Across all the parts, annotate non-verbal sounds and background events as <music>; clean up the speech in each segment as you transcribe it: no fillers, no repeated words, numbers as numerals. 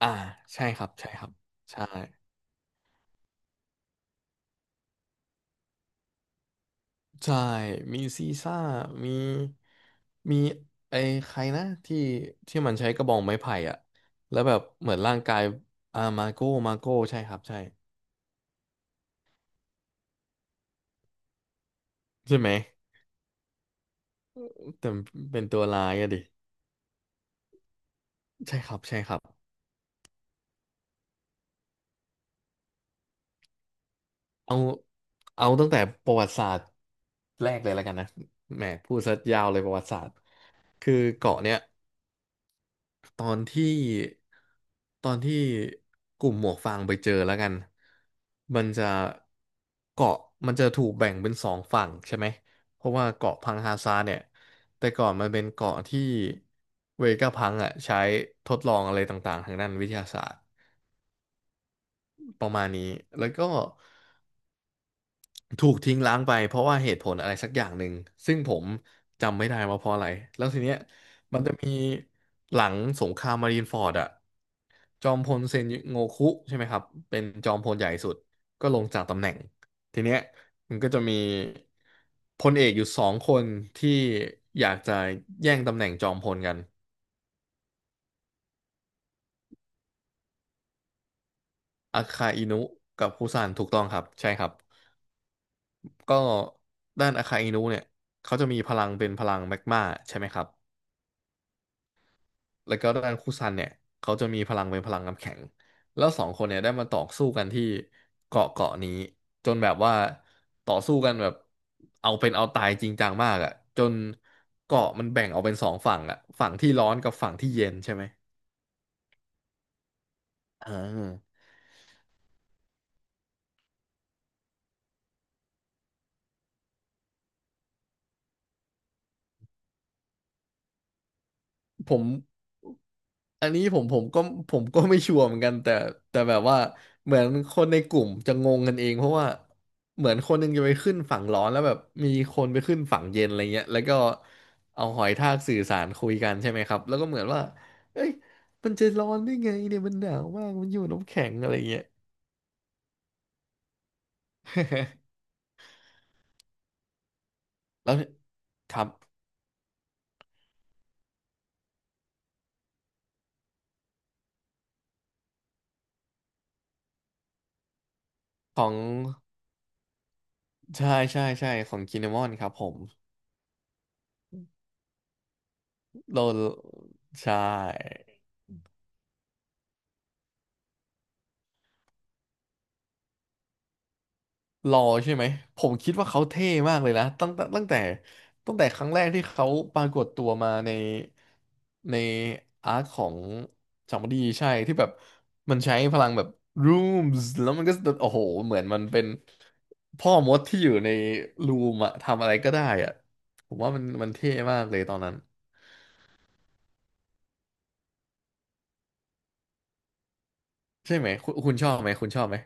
อ่าใช่ครับใช่ครับใช่ใช่มีซีซ่ามีมีไอ้ใครนะที่ที่มันใช้กระบองไม้ไผ่อะแล้วแบบเหมือนร่างกายอ่ามาโก้มาโก้ใช่ครับใช่ใช่ไหมแต่เป็นตัวร้ายอะดิใช่ครับใช่ครับเอาเอาตั้งแต่ประวัติศาสตร์แรกเลยแล้วกันนะแหมพูดซะยาวเลยประวัติศาสตร์คือเกาะเนี้ย ตอนที่ตอนที่กลุ่มหมวกฟางไปเจอแล้วกันมันจะเกาะมันจะถูกแบ่งเป็นสองฝั่งใช่ไหมเพราะว่าเกาะพังฮาซาเนี่ยแต่ก่อนมันเป็นเกาะที่เวก้าพังอ่ะใช้ทดลองอะไรต่างๆทางด้านวิทยาศาสตร์ประมาณนี้แล้วก็ ถูกทิ้งล้างไปเพราะว่าเหตุผลอะไรสักอย่างหนึ่งซึ่งผมจำไม่ได้ว่าเพราะอะไรแล้วทีเนี้ยมันจะมีหลังสงครามมารีนฟอร์ดอะจอมพลเซนโงคุใช่ไหมครับเป็นจอมพลใหญ่สุดก็ลงจากตำแหน่งทีเนี้ยมันก็จะมีพลเอกอยู่สองคนที่อยากจะแย่งตำแหน่งจอมพลกันอาคาอินุกับฮุซันถูกต้องครับใช่ครับก็ด้านอาคาอินุเนี่ยเขาจะมีพลังเป็นพลังแมกมาใช่ไหมครับ แล้วก็ด้านคุซันเนี่ยเขาจะมีพลังเป็นพลังน้ำแข็งแล้วสองคนเนี่ยได้มาต่อสู้กันที่เกาะเกาะนี้จนแบบว่าต่อสู้กันแบบเอาเป็นเอาตายจริงจังมากอ่ะจนเกาะมันแบ่งออกเป็นสองฝั่งอ่ะฝั่งที่ร้อนกับฝั่งที่เย็นใช่ไหมอ่า ผมอันนี้ผมก็ไม่ชัวร์เหมือนกันแต่แบบว่าเหมือนคนในกลุ่มจะงงกันเองเพราะว่าเหมือนคนหนึงจะไปขึ้นฝั่งร้อนแล้วแบบมีคนไปขึ้นฝั่งเย็นอะไรเงี้ยแล้วก็เอาหอยทากสื่อสารคุยกันใช่ไหมครับแล้วก็เหมือนว่าเอ้ยมันจะร้อนได้ไงเนี่ยมันหนาวมากมันอยู่น้ำแข็งอะไรเงี้ย <laughs> แล้วครับของใช่ใช่ใช่ของกินมอนครับผมโดนใช่ รอใช่ไหมผมคิดว่าเขาเท่มากเลยนะตั้งแต่ตั้งแต่ตั้งแต่ครั้งแรกที่เขาปรากฏตัวมาในในอาร์คของจามดีใช่ที่แบบมันใช้พลังแบบ rooms แล้วมันก็โอ้โหเหมือนมันเป็นพ่อมดที่อยู่ในรูมอะทำอะไรก็ได้อะผมว่ามันมันเท่มากเลยตอนนั้นใช่ไหมคุณชอบไหมคุณชอบไหม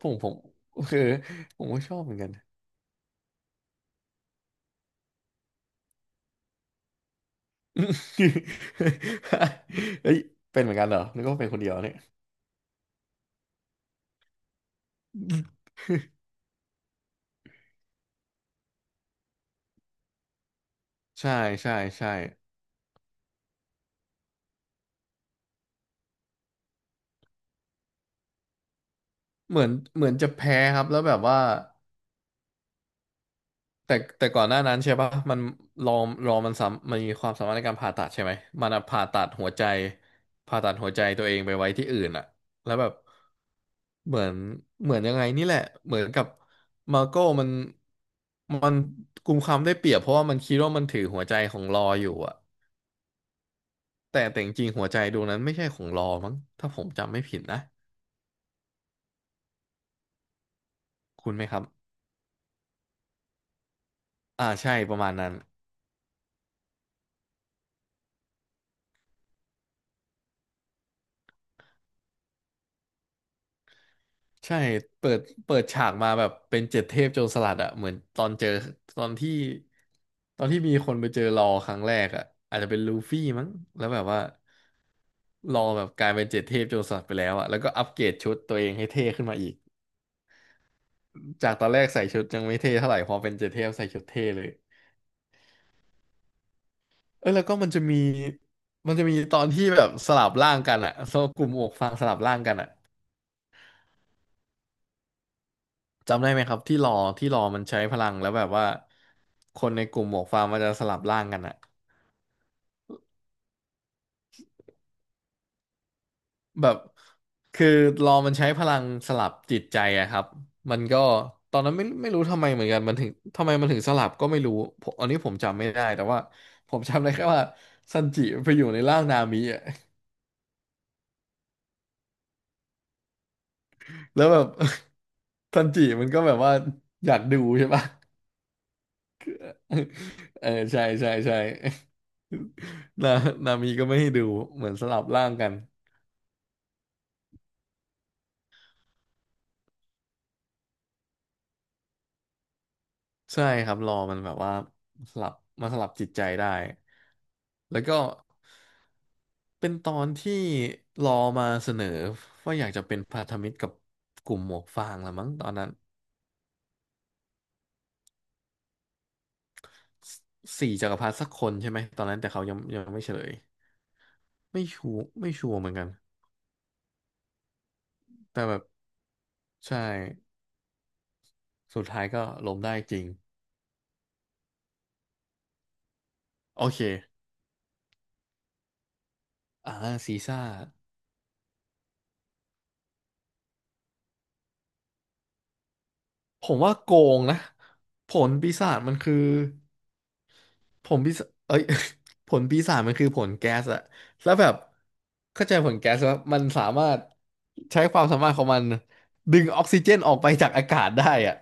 ผมผมคือผมก็ชอบเหมือนกัน <laughs> เฮ้ยเป็นเหมือนกันเหรอนึกว่าเป็นคนเดียวเนี่ย ใช่ใช่ใช่เหมือนจะแพ้ครับแล้วแบบว่าแต่ก่อนหน้านั้นใช่ปะมันรอมันมีความสามารถในการผ่าตัดใช่ไหมมันอะผ่าตัดหัวใจผ่าตัดหัวใจตัวเองไปไว้ที่อื่นอะแล้วแบบเหมือนเหมือนยังไงนี่แหละเหมือนกับมาโก้มันมันกุมความได้เปรียบเพราะว่ามันคิดว่ามันถือหัวใจของรออยู่อะแต่จริงๆหัวใจดวงนั้นไม่ใช่ของรอมั้งถ้าผมจำไม่ผิดนะคุณไหมครับอ่าใช่ประมาณนั้น ใช่เปิดฉากมาแบบเป็นเจ็ดเทพโจรสลัดอะเหมือนตอนเจอตอนที่ตอนที่มีคนไปเจอรอครั้งแรกอะอาจจะเป็นลูฟี่มั้งแล้วแบบว่ารอแบบกลายเป็นเจ็ดเทพโจรสลัดไปแล้วอะแล้วก็อัปเกรดชุดตัวเองให้เท่ขึ้นมาอีกจากตอนแรกใส่ชุดยังไม่เท่เท่าไหร่พอเป็นเจ็ดเทพใส่ชุดเท่เลยเออแล้วก็มันจะมีตอนที่แบบสลับร่างกันอะโซกลุ่มอกฟางสลับร่างกันอะ จำได้ไหมครับที่รอมันใช้พลังแล้วแบบว่าคนในกลุ่มหมวกฟางมันจะสลับร่างกันอะแบบคือรอมันใช้พลังสลับจิตใจอะครับมันก็ตอนนั้นไม่รู้ทำไมเหมือนกันมันถึงทำไมมันถึงสลับก็ไม่รู้ผมอันนี้ผมจำไม่ได้แต่ว่าผมจำได้แค่ว่าซันจิไปอยู่ในร่างนามิอะแล้วแบบ <laughs> ซันจิมันก็แบบว่าอยากดูใช่ปะ <laughs> เออใช่ใช่ใช่ <laughs> นานามีก็ไม่ให้ดูเหมือนสลับร่างกัน ใช่ครับรอมันแบบว่าสลับมาสลับจิตใจได้แล้วก็เป็นตอนที่รอมาเสนอว่าอยากจะเป็นพันธมิตรกับกลุ่มหมวกฟางละมั้งตอนนั้นสสี่จักรพรรดิสักคนใช่ไหมตอนนั้นแต่เขายังไม่เฉลยไม่ชัวร์เหมือนกันแต่แบบใช่สุดท้ายก็ล้มได้จริงโอเคอ่าซีซ่าผมว่าโกงนะผลปีศาจมันคือ ผลปีศาเอ้ย <laughs> ผลปีศาจมันคือผลแก๊สอะแล้วแบบเข้าใจผลแก๊สว่ามันสามารถใช้ความสามารถของมันดึงออกซิเจนออกไปจากอากาศได้อะ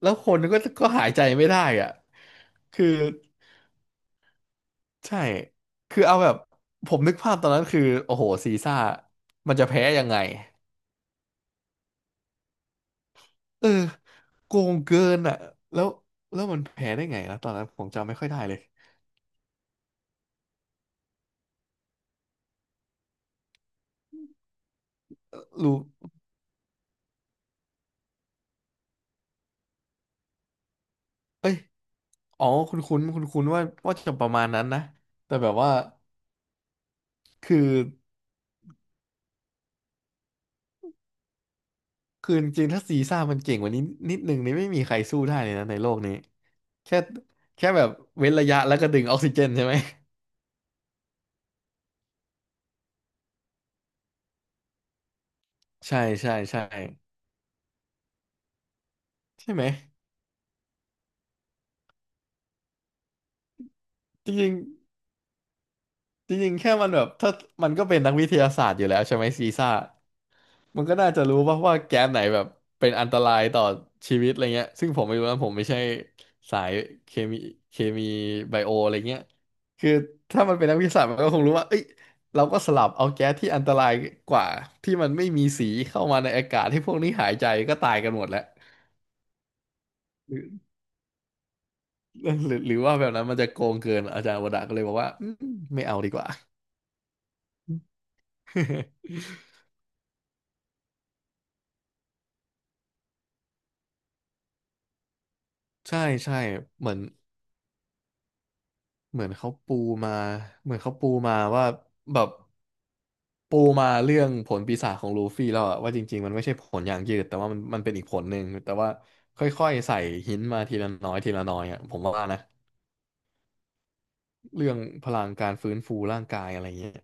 แล้วคนก็หายใจไม่ได้อะคือใช่คือเอาแบบผมนึกภาพตอนนั้นคือโอ้โหซีซ่ามันจะแพ้ยังไงเออโกงเกินอะแล้วแล้วมันแพ้ได้ไงนะตอนนั้นผมจำไม่ค่อยได้เลยรู้เอ้ย อ๋อคุณคุ้นว่าจะประมาณนั้นนะแต่แบบว่าคือคือจริงๆถ้าซีซ่ามันเก่งกว่านี้นิดนึงนี่ไม่มีใครสู้ได้เลยนะในโลกนี้แค่แค่แบบเว้นระยะแล้วก็ดึงออกซิเจนใช่ไหมใช่ใช่ใช่ใช่ไหมจริงๆจริงๆแค่มันแบบถ้ามันก็เป็นนักวิทยาศาสตร์อยู่แล้วใช่ไหมซีซ่า มันก็น่าจะรู้ป่ะว่าแก๊สไหนแบบเป็นอันตรายต่อชีวิตอะไรเงี้ยซึ่งผมไม่รู้นะผมไม่ใช่สายเคมีเคมีไบโออะไรเงี้ยคือถ้ามันเป็นนักวิทยาศาสตร์มันก็คงรู้ว่าเอ้ยเราก็สลับเอาแก๊สที่อันตรายกว่าที่มันไม่มีสีเข้ามาในอากาศให้พวกนี้หายใจก็ตายกันหมดแล้วหรือหรือว่าแบบนั้นมันจะโกงเกินอาจารย์วดาก็เลยบอกว่าอืมไม่เอาดีกว่า <laughs> ใช่ใช่เหมือน เหมือนเขาปูมาเหมือนเขาปูมาว่าแบบปูมาเรื่องผลปีศาจของลูฟี่แล้วอะว่าจริงๆมันไม่ใช่ผลอย่างยืดแต่ว่ามันเป็นอีกผลหนึ่งแต่ว่าค่อยๆใส่หินมาทีละน้อยทีละน้อยอะผมว่านะเรื่องพลังการฟื้นฟูร่างกายอะไรเงี้ย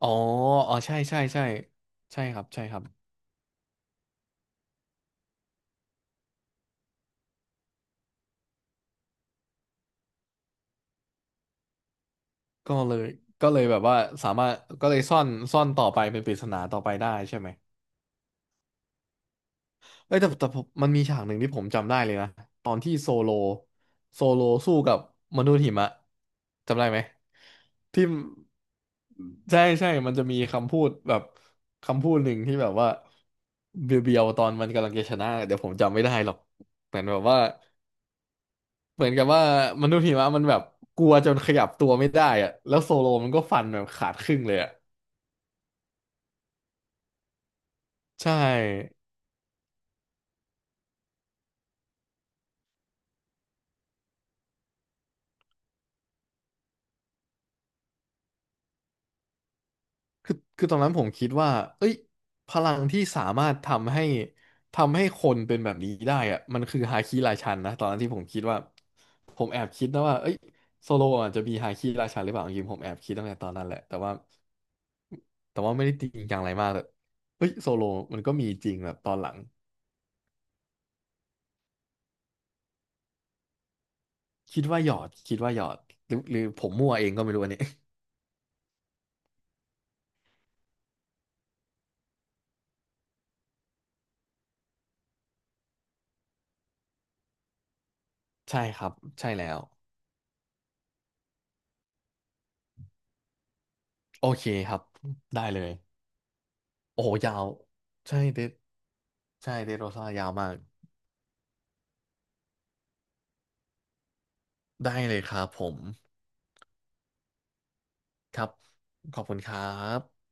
อ๋ออ๋อใช่ใช่ใช่ใช่ครับใช่ครับก็เลยก็เลยแบบว่าสามารถก็เลยซ่อนต่อไปเป็นปริศนาต่อไปได้ใช่ไหม เอ้ยแต่ผมมันมีฉากหนึ่งที่ผมจำได้เลยนะตอนที่โซโลโซโลสู้กับมนุษย์หิมะจำได้ไหมที่ใช่ใช่มันจะมีคำพูดแบบคำพูดหนึ่งที่แบบว่าเบียวๆตอนมันกำลังจะชนะเดี๋ยวผมจำไม่ได้หรอกเหมือนแบบว่าเหมือนกับว่ามนุษย์หิมะมันแบบกลัวจนขยับตัวไม่ได้อะแล้วโซโลมันก็ฟันแบบขาดครึ่งเลยอะใช่ คือตอนนั้นผมคิดว่าเอ้ยพลังที่สามารถทำให้คนเป็นแบบนี้ได้อะมันคือฮาคิราชันนะ ตอนนั้นที่ผมคิดว่าผมแอบคิดนะว่าเอ้ยโซโลอาจจะมีฮาคิราชันหรือเปล่าจริงๆผมแอบคิดตั้งแต่ตอนนั้นแหละแต่ว่าแต่ว่าไม่ได้จริงจังอะไรมากเลยเอ้ยโซโลมันก็มีจริงแบบตอนหลัง คิดว่าหยอดหรือผมมั่วเองก็ไม่รู้อันนี้ <laughs> ใช่ครับใช่แล้วโอเคครับได้เลย โอ้โหยาวใช่เดดใช่เดดโรซ่ายาวมาก ได้เลยครับผมครับขอบคุณครับ